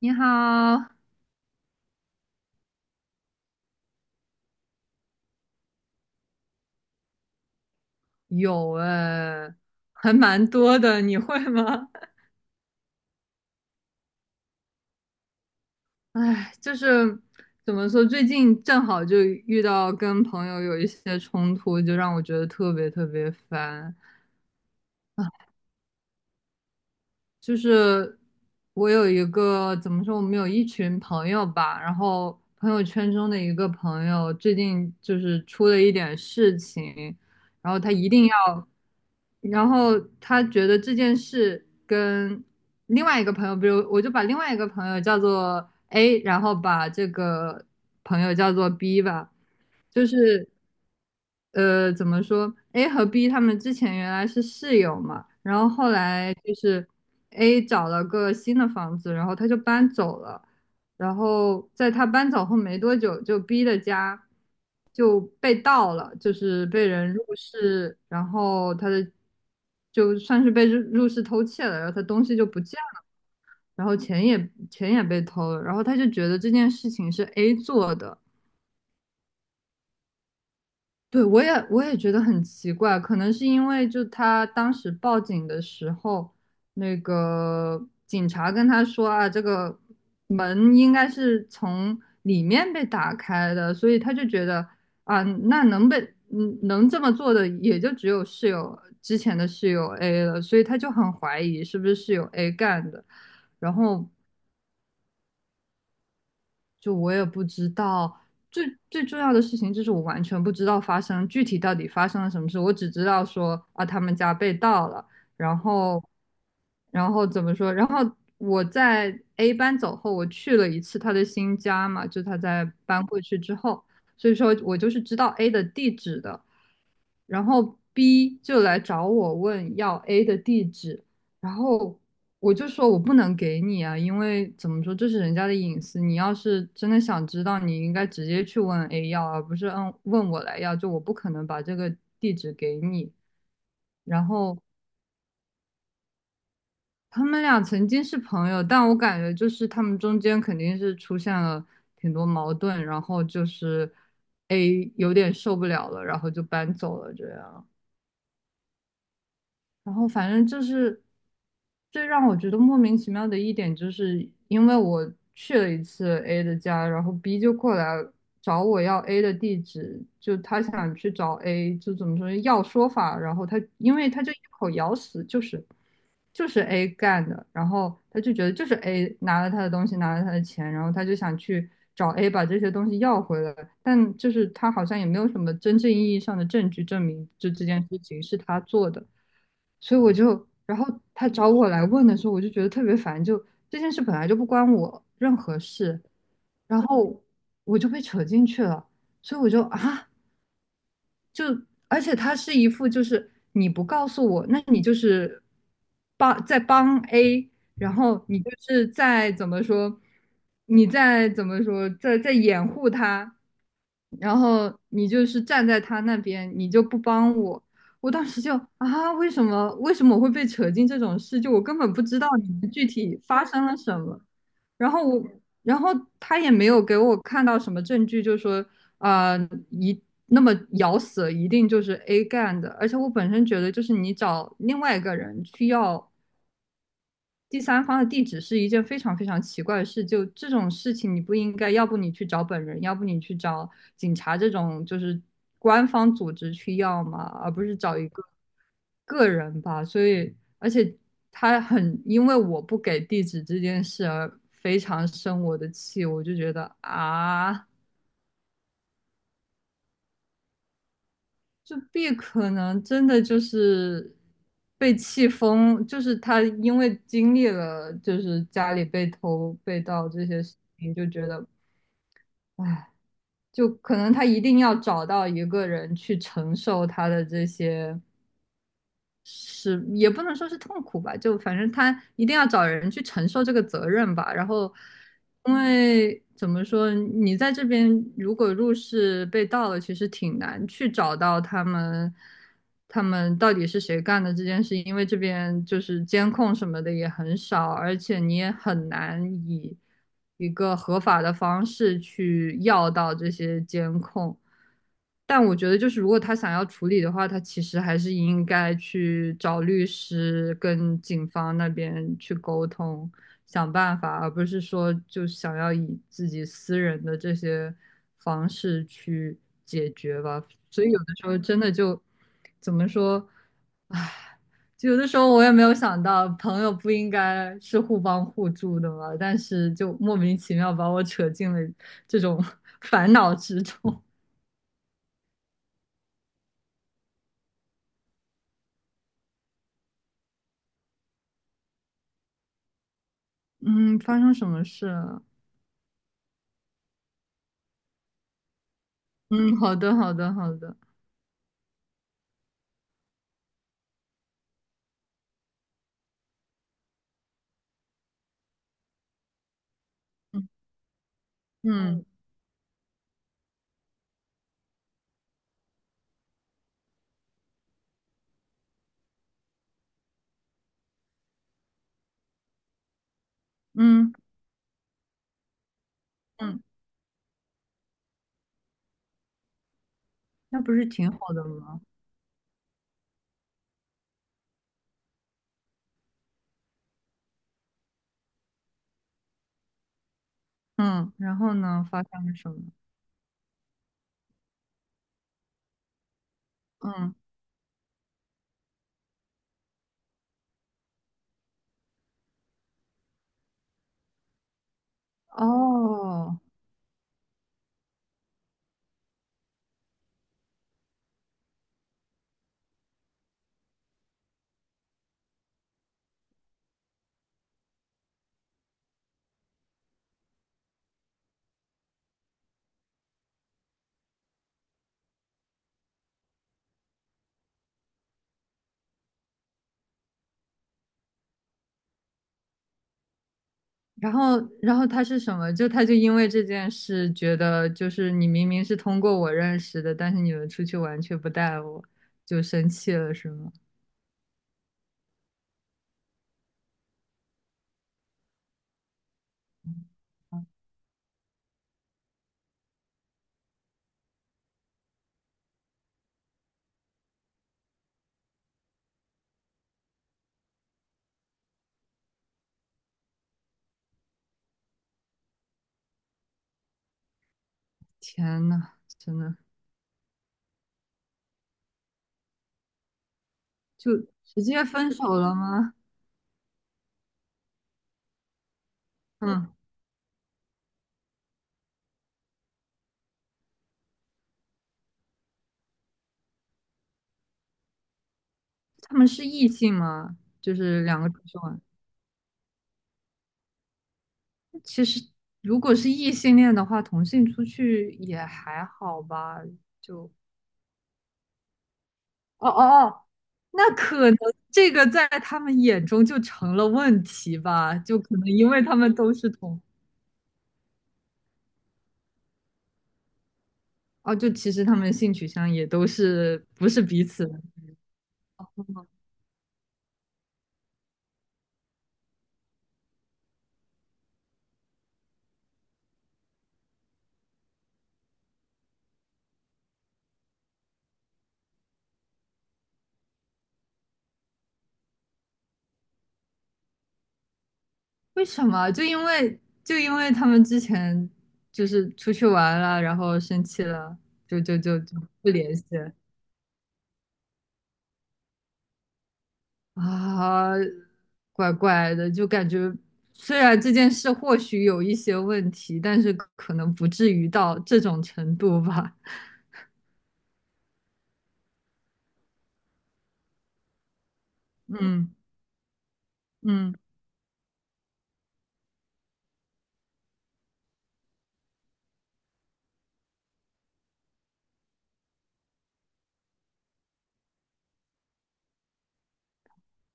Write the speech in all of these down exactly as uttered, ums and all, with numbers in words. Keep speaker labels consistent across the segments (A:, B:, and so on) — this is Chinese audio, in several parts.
A: 你好。有哎，还蛮多的，你会吗？哎，就是怎么说，最近正好就遇到跟朋友有一些冲突，就让我觉得特别特别烦。就是我有一个怎么说，我们有一群朋友吧，然后朋友圈中的一个朋友最近就是出了一点事情，然后他一定要，然后他觉得这件事跟另外一个朋友，比如我就把另外一个朋友叫做 A，然后把这个朋友叫做 B 吧。就是呃，怎么说？A 和 B 他们之前原来是室友嘛，然后后来就是 A 找了个新的房子，然后他就搬走了。然后在他搬走后没多久，就 B 的家就被盗了，就是被人入室，然后他的就算是被入入室偷窃了，然后他东西就不见了，然后钱也钱也被偷了，然后他就觉得这件事情是 A 做的。对，我也我也觉得很奇怪，可能是因为就他当时报警的时候，那个警察跟他说啊，这个门应该是从里面被打开的，所以他就觉得啊，那能被嗯能这么做的也就只有室友之前的室友 A 了，所以他就很怀疑是不是室友 A 干的。然后就我也不知道。最最重要的事情就是我完全不知道发生具体到底发生了什么事，我只知道说啊他们家被盗了。然后然后怎么说？然后我在 A 班走后，我去了一次他的新家嘛，就他在搬过去之后，所以说我就是知道 A 的地址的。然后 B 就来找我问要 A 的地址，然后我就说我不能给你啊，因为怎么说这是人家的隐私，你要是真的想知道，你应该直接去问 A 要，而不是嗯问我来要，就我不可能把这个地址给你。然后他们俩曾经是朋友，但我感觉就是他们中间肯定是出现了挺多矛盾，然后就是 A 有点受不了了，然后就搬走了这样。然后反正就是最让我觉得莫名其妙的一点，就是因为我去了一次 A 的家，然后 B 就过来找我要 A 的地址，就他想去找 A,就怎么说要说法，然后他因为他就一口咬死就是就是 A 干的，然后他就觉得就是 A 拿了他的东西，拿了他的钱，然后他就想去找 A 把这些东西要回来，但就是他好像也没有什么真正意义上的证据证明就这件事情是他做的。所以我就，然后他找我来问的时候，我就觉得特别烦，就这件事本来就不关我任何事，然后我就被扯进去了，所以我就啊，就而且他是一副就是你不告诉我，那你就是帮在帮 A,然后你就是在怎么说，你在怎么说，在在掩护他，然后你就是站在他那边，你就不帮我。我当时就啊，为什么为什么我会被扯进这种事？就我根本不知道你们具体发生了什么。然后我，然后他也没有给我看到什么证据，就说呃，一那么咬死一定就是 A 干的。而且我本身觉得，就是你找另外一个人去要第三方的地址是一件非常非常奇怪的事。就这种事情，你不应该，要不你去找本人，要不你去找警察这种就是官方组织去要嘛，而不是找一个个人吧。所以，而且他很因为我不给地址这件事而非常生我的气，我就觉得啊。就 B 可能真的就是被气疯，就是他因为经历了就是家里被偷被盗这些事情，就觉得，唉，就可能他一定要找到一个人去承受他的这些，是也不能说是痛苦吧，就反正他一定要找人去承受这个责任吧。然后，因为怎么说，你在这边如果入室被盗了，其实挺难去找到他们，他们到底是谁干的这件事，因为这边就是监控什么的也很少，而且你也很难以一个合法的方式去要到这些监控。但我觉得，就是如果他想要处理的话，他其实还是应该去找律师跟警方那边去沟通，想办法，而不是说就想要以自己私人的这些方式去解决吧。所以有的时候真的就怎么说，就有的时候我也没有想到，朋友不应该是互帮互助的嘛，但是就莫名其妙把我扯进了这种 烦恼之中。嗯，发生什么事了？嗯，好的，好的，好的。嗯嗯嗯。嗯嗯，那不是挺好的吗？嗯，然后呢，发生了什么？嗯。哦，然后，然后他是什么？就他就因为这件事，觉得就是你明明是通过我认识的，但是你们出去玩却不带我，就生气了，是吗？啊，天呐，真的就直接分手了吗？嗯，他们是异性吗？就是两个出去玩。其实如果是异性恋的话，同性出去也还好吧，就哦哦哦，那可能这个在他们眼中就成了问题吧，就可能因为他们都是同，哦，就其实他们性取向也都是不是彼此的。为什么？就因为就因为他们之前就是出去玩了，然后生气了，就就就就不联系了。啊，怪怪的，就感觉虽然这件事或许有一些问题，但是可能不至于到这种程度吧。嗯嗯，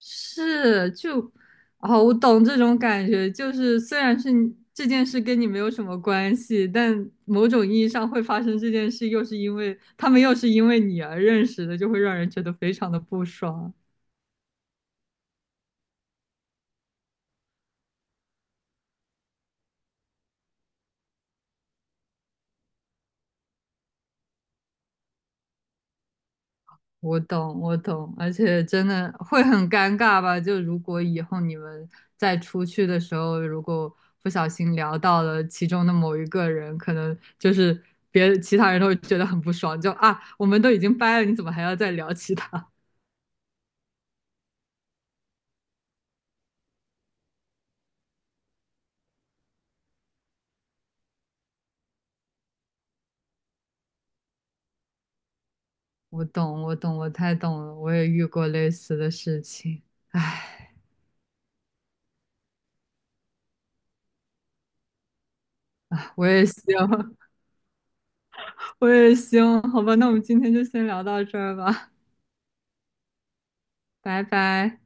A: 是，就，啊，我懂这种感觉，就是虽然是你这件事跟你没有什么关系，但某种意义上会发生这件事，又是因为他们又是因为你而认识的，就会让人觉得非常的不爽。我懂，我懂，而且真的会很尴尬吧？就如果以后你们再出去的时候，如果不小心聊到了其中的某一个人，可能就是别其他人都会觉得很不爽，就啊，我们都已经掰了，你怎么还要再聊其他？我懂，我懂，我太懂了，我也遇过类似的事情。哎，我也希望，我也希望，好吧，那我们今天就先聊到这儿吧，拜拜。